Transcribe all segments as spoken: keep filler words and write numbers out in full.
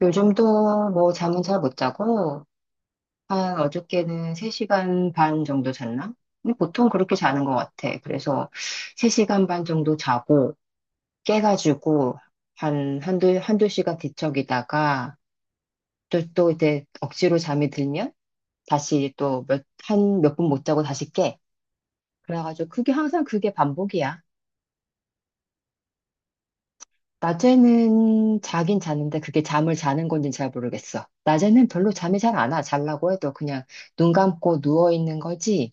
요즘도 뭐 잠은 잘 못 자고, 한 어저께는 세 시간 반 정도 잤나? 근데 보통 그렇게 자는 것 같아. 그래서 세 시간 반 정도 자고, 깨가지고, 한, 한두, 한두 시간 뒤척이다가, 또, 또 이제 억지로 잠이 들면, 다시 또 몇, 한 몇 분 못 자고 다시 깨. 그래가지고 그게 항상 그게 반복이야. 낮에는 자긴 자는데 그게 잠을 자는 건지 잘 모르겠어. 낮에는 별로 잠이 잘 안 와. 자려고 해도 그냥 눈 감고 누워 있는 거지.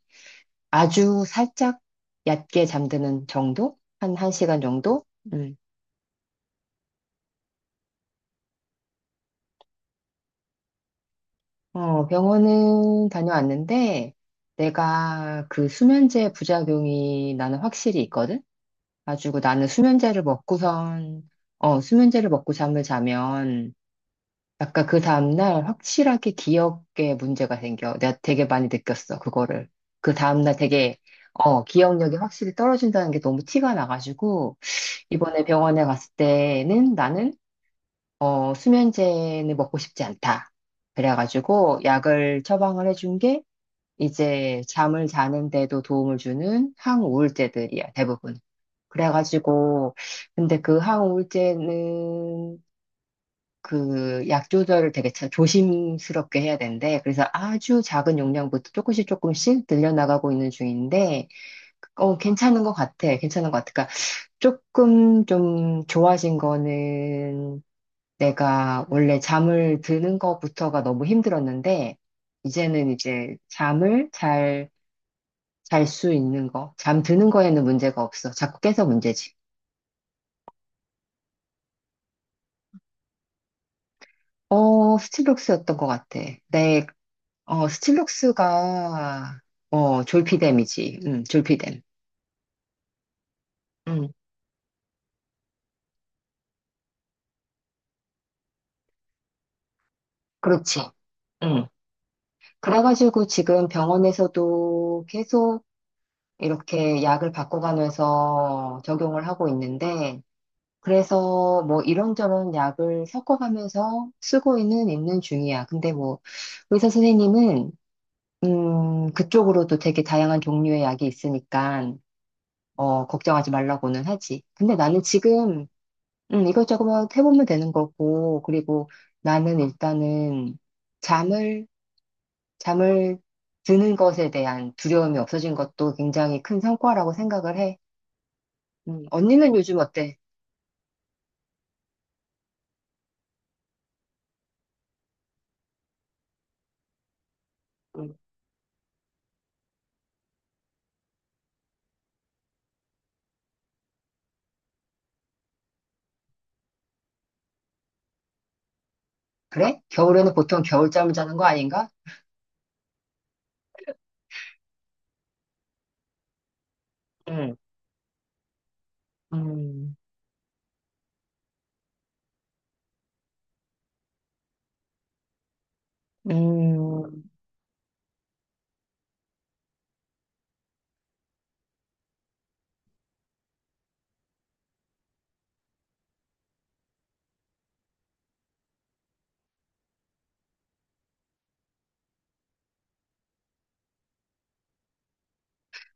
아주 살짝 얕게 잠드는 정도? 한, 한 시간 정도? 음. 어, 병원은 다녀왔는데 내가 그 수면제 부작용이 나는 확실히 있거든? 가지고 나는 수면제를 먹고선, 어, 수면제를 먹고 잠을 자면 아까 그 다음날 확실하게 기억에 문제가 생겨. 내가 되게 많이 느꼈어, 그거를. 그 다음날 되게, 어, 기억력이 확실히 떨어진다는 게 너무 티가 나가지고, 이번에 병원에 갔을 때는 나는, 어, 수면제는 먹고 싶지 않다. 그래가지고, 약을 처방을 해준 게, 이제 잠을 자는데도 도움을 주는 항우울제들이야, 대부분. 그래가지고, 근데 그 항우울제는 그 약 조절을 되게 자- 조심스럽게 해야 된데 그래서 아주 작은 용량부터 조금씩 조금씩 늘려나가고 있는 중인데, 어, 괜찮은 것 같아. 괜찮은 것 같아. 그러니까 조금 좀 좋아진 거는 내가 원래 잠을 드는 것부터가 너무 힘들었는데, 이제는 이제 잠을 잘 잘 수 있는 거, 잠 드는 거에는 문제가 없어. 자꾸 깨서 문제지. 어, 스틸록스였던 것 같아. 내 어, 스틸록스가, 어, 졸피뎀이지. 응, 졸피뎀. 응, 그렇지. 응. 그래가지고 지금 병원에서도 계속 이렇게 약을 바꿔가면서 적용을 하고 있는데, 그래서 뭐 이런저런 약을 섞어가면서 쓰고는 있는 중이야. 근데 뭐 의사 선생님은, 음, 그쪽으로도 되게 다양한 종류의 약이 있으니까, 어, 걱정하지 말라고는 하지. 근데 나는 지금 음, 이것저것 해보면 되는 거고, 그리고 나는 일단은 잠을, 잠을 드는 것에 대한 두려움이 없어진 것도 굉장히 큰 성과라고 생각을 해. 음, 언니는 요즘 어때? 음, 그래? 겨울에는 보통 겨울잠을 자는 거 아닌가? 음, 음, 음,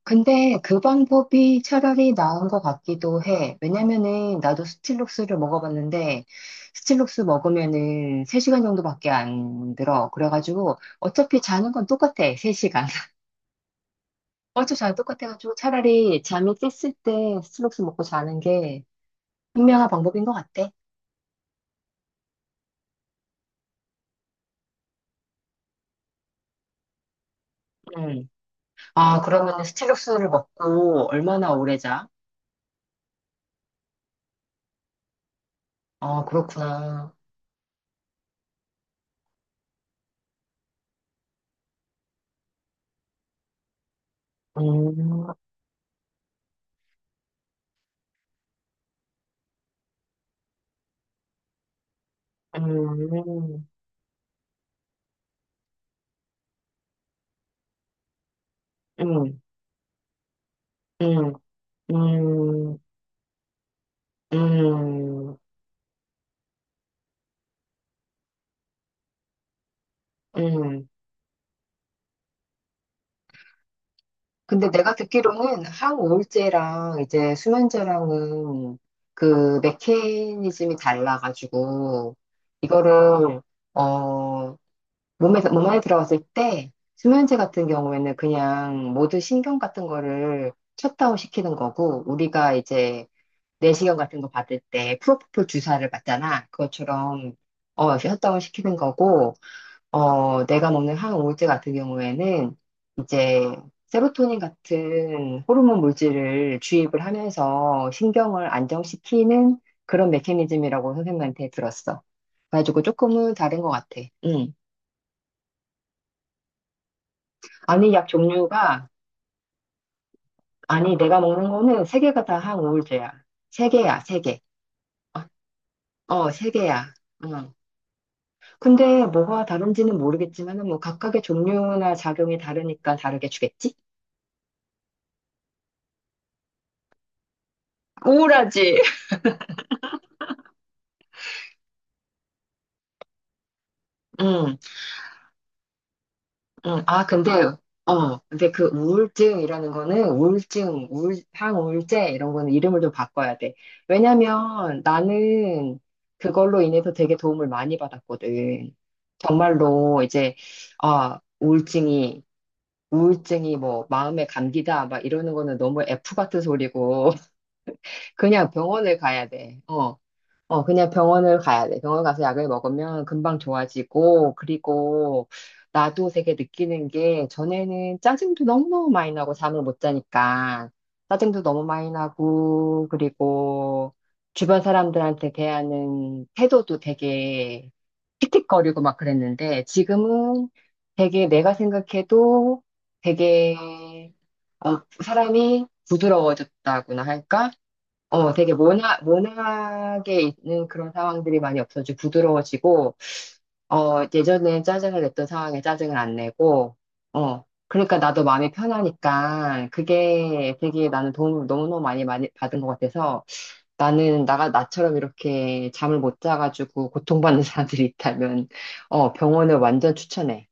근데 그 방법이 차라리 나은 것 같기도 해. 왜냐면은 나도 스틸록스를 먹어봤는데 스틸록스 먹으면은 세 시간 정도밖에 안 들어. 그래가지고 어차피 자는 건 똑같아. 세 시간. 어차피 자는 똑같아가지고 차라리 잠이 깼을 때 스틸록스 먹고 자는 게 현명한 방법인 것 같아. 음. 아, 그러면은 스틸록스를 먹고 얼마나 오래 자? 아, 그렇구나. 음, 음, 음, 음, 음. 음. 음, 음. 근데 내가 듣기로는 항우울제랑 이제 수면제랑은 그 메커니즘이 달라가지고, 이거를, 어, 몸에, 몸 안에 들어갔을 때, 수면제 같은 경우에는 그냥 모든 신경 같은 거를 셧다운 시키는 거고, 우리가 이제 내시경 같은 거 받을 때 프로포폴 주사를 받잖아. 그것처럼, 어, 셧다운 시키는 거고, 어, 내가 먹는 항우울제 같은 경우에는 이제 세로토닌 같은 호르몬 물질을 주입을 하면서 신경을 안정시키는 그런 메커니즘이라고 선생님한테 들었어. 그래가지고 조금은 다른 것 같아. 응. 아니, 약 종류가, 아니, 내가 먹는 거는 세 개가 다 항우울제야. 세 개야, 세 개. 어, 어, 세 개야. 응. 근데 뭐가 다른지는 모르겠지만은 뭐 각각의 종류나 작용이 다르니까 다르게 주겠지? 우울하지? 응. 응, 아, 근데, 아, 어, 근데 그 우울증이라는 거는 우울증, 우울, 항우울제 이런 거는 이름을 좀 바꿔야 돼. 왜냐면 나는 그걸로 인해서 되게 도움을 많이 받았거든. 정말로 이제, 아, 우울증이, 우울증이 뭐 마음의 감기다 막 이러는 거는 너무 F 같은 소리고 그냥 병원을 가야 돼. 어. 어, 그냥 병원을 가야 돼. 병원 가서 약을 먹으면 금방 좋아지고, 그리고 나도 되게 느끼는 게, 전에는 짜증도 너무 많이 나고, 잠을 못 자니까. 짜증도 너무 많이 나고, 그리고 주변 사람들한테 대하는 태도도 되게 틱틱거리고 막 그랬는데, 지금은 되게 내가 생각해도 되게, 어, 사람이 부드러워졌다고나 할까? 어, 되게 모나, 모나게 있는 그런 상황들이 많이 없어지고 부드러워지고, 어, 예전에 짜증을 냈던 상황에 짜증을 안 내고, 어, 그러니까 나도 마음이 편하니까 그게 되게 나는 도움을 너무너무 많이, 많이 받은 것 같아서 나는 나가, 나처럼 이렇게 잠을 못 자가지고 고통받는 사람들이 있다면, 어, 병원을 완전 추천해.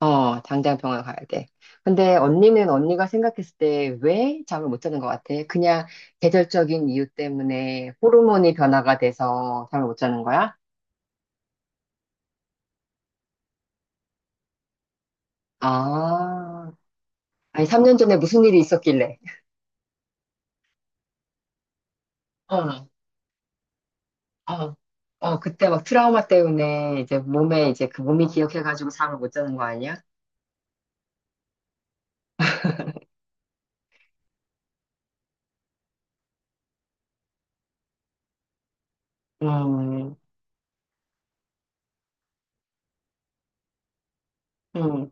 어, 당장 병원 가야 돼. 근데 언니는 언니가 생각했을 때 왜 잠을 못 자는 것 같아? 그냥 계절적인 이유 때문에 호르몬이 변화가 돼서 잠을 못 자는 거야? 아, 아니, 삼 년 전에 무슨 일이 있었길래. 어, 어, 어, 그때 막 트라우마 때문에 이제 몸에 이제 그 몸이 기억해가지고 잠을 못 자는 거 아니야? 음, 음,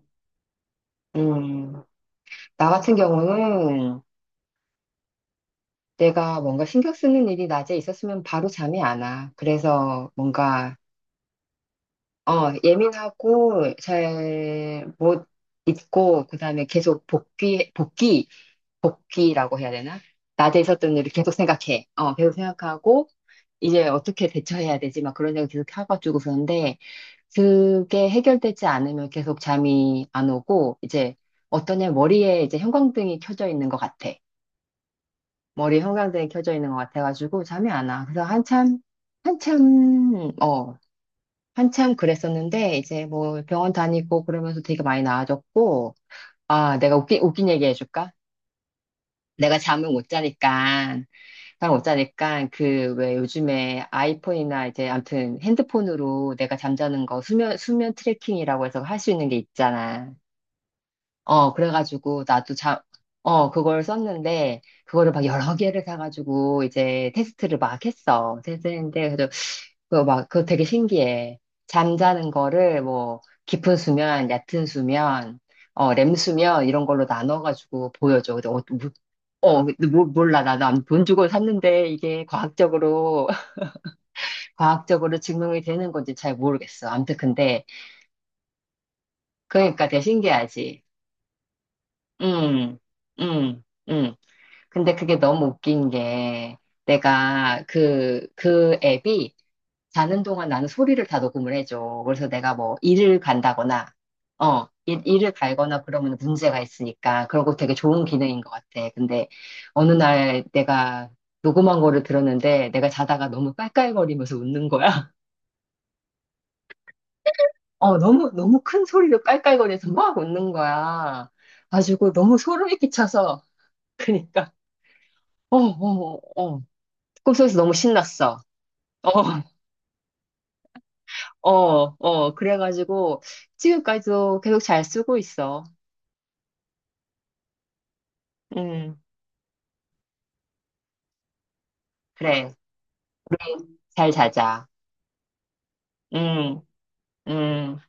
음. 나 같은 경우는 내가 뭔가 신경 쓰는 일이 낮에 있었으면 바로 잠이 안 와. 그래서 뭔가 어, 예민하고 잘 못 잊고 그다음에 계속 복귀 복귀 복귀라고 해야 되나? 낮에 있었던 일을 계속 생각해. 어, 계속 생각하고 이제 어떻게 대처해야 되지? 막 그런 생각 계속 해가지고 그런데 그게 해결되지 않으면 계속 잠이 안 오고 이제 어떤 애 머리에 이제 형광등이 켜져 있는 것 같아. 머리에 형광등이 켜져 있는 것 같아가지고 잠이 안 와. 그래서 한참 한참 어, 한참 그랬었는데, 이제 뭐 병원 다니고 그러면서 되게 많이 나아졌고, 아, 내가 웃긴, 웃긴 얘기 해줄까? 내가 잠을 못 자니까, 잠을 못 자니까, 그, 왜 요즘에 아이폰이나 이제 아무튼 핸드폰으로 내가 잠자는 거 수면, 수면 트래킹이라고 해서 할 수 있는 게 있잖아. 어, 그래가지고 나도 자, 어, 그걸 썼는데, 그거를 막 여러 개를 사가지고 이제 테스트를 막 했어. 테스트했는데, 그래도 그거 막, 그거 되게 신기해. 잠자는 거를 뭐, 깊은 수면, 얕은 수면, 어, 렘 수면, 이런 걸로 나눠가지고 보여줘. 근데 어, 뭐, 어, 근데 뭐- 몰라. 나난돈 주고 샀는데 이게 과학적으로, 과학적으로 증명이 되는 건지 잘 모르겠어. 아무튼 근데, 그러니까 되게 신기하지. 음, 음, 음. 근데 그게 너무 웃긴 게 내가 그, 그 앱이 자는 동안 나는 소리를 다 녹음을 해줘. 그래서 내가 뭐 일을 간다거나, 어, 일, 일을 갈거나 그러면 문제가 있으니까. 그러고 되게 좋은 기능인 것 같아. 근데 어느 날 내가 녹음한 거를 들었는데 내가 자다가 너무 깔깔거리면서 웃는 거야. 어, 너무, 너무 큰 소리로 깔깔거리면서 막 웃는 거야. 가지고 너무 소름이 끼쳐서. 그니까, 어, 어, 어. 어. 꿈속에서 너무 신났어. 어, 어, 어. 그래가지고 지금까지도 계속 잘 쓰고 있어. 음, 그래. 잘 자자. 음, 음.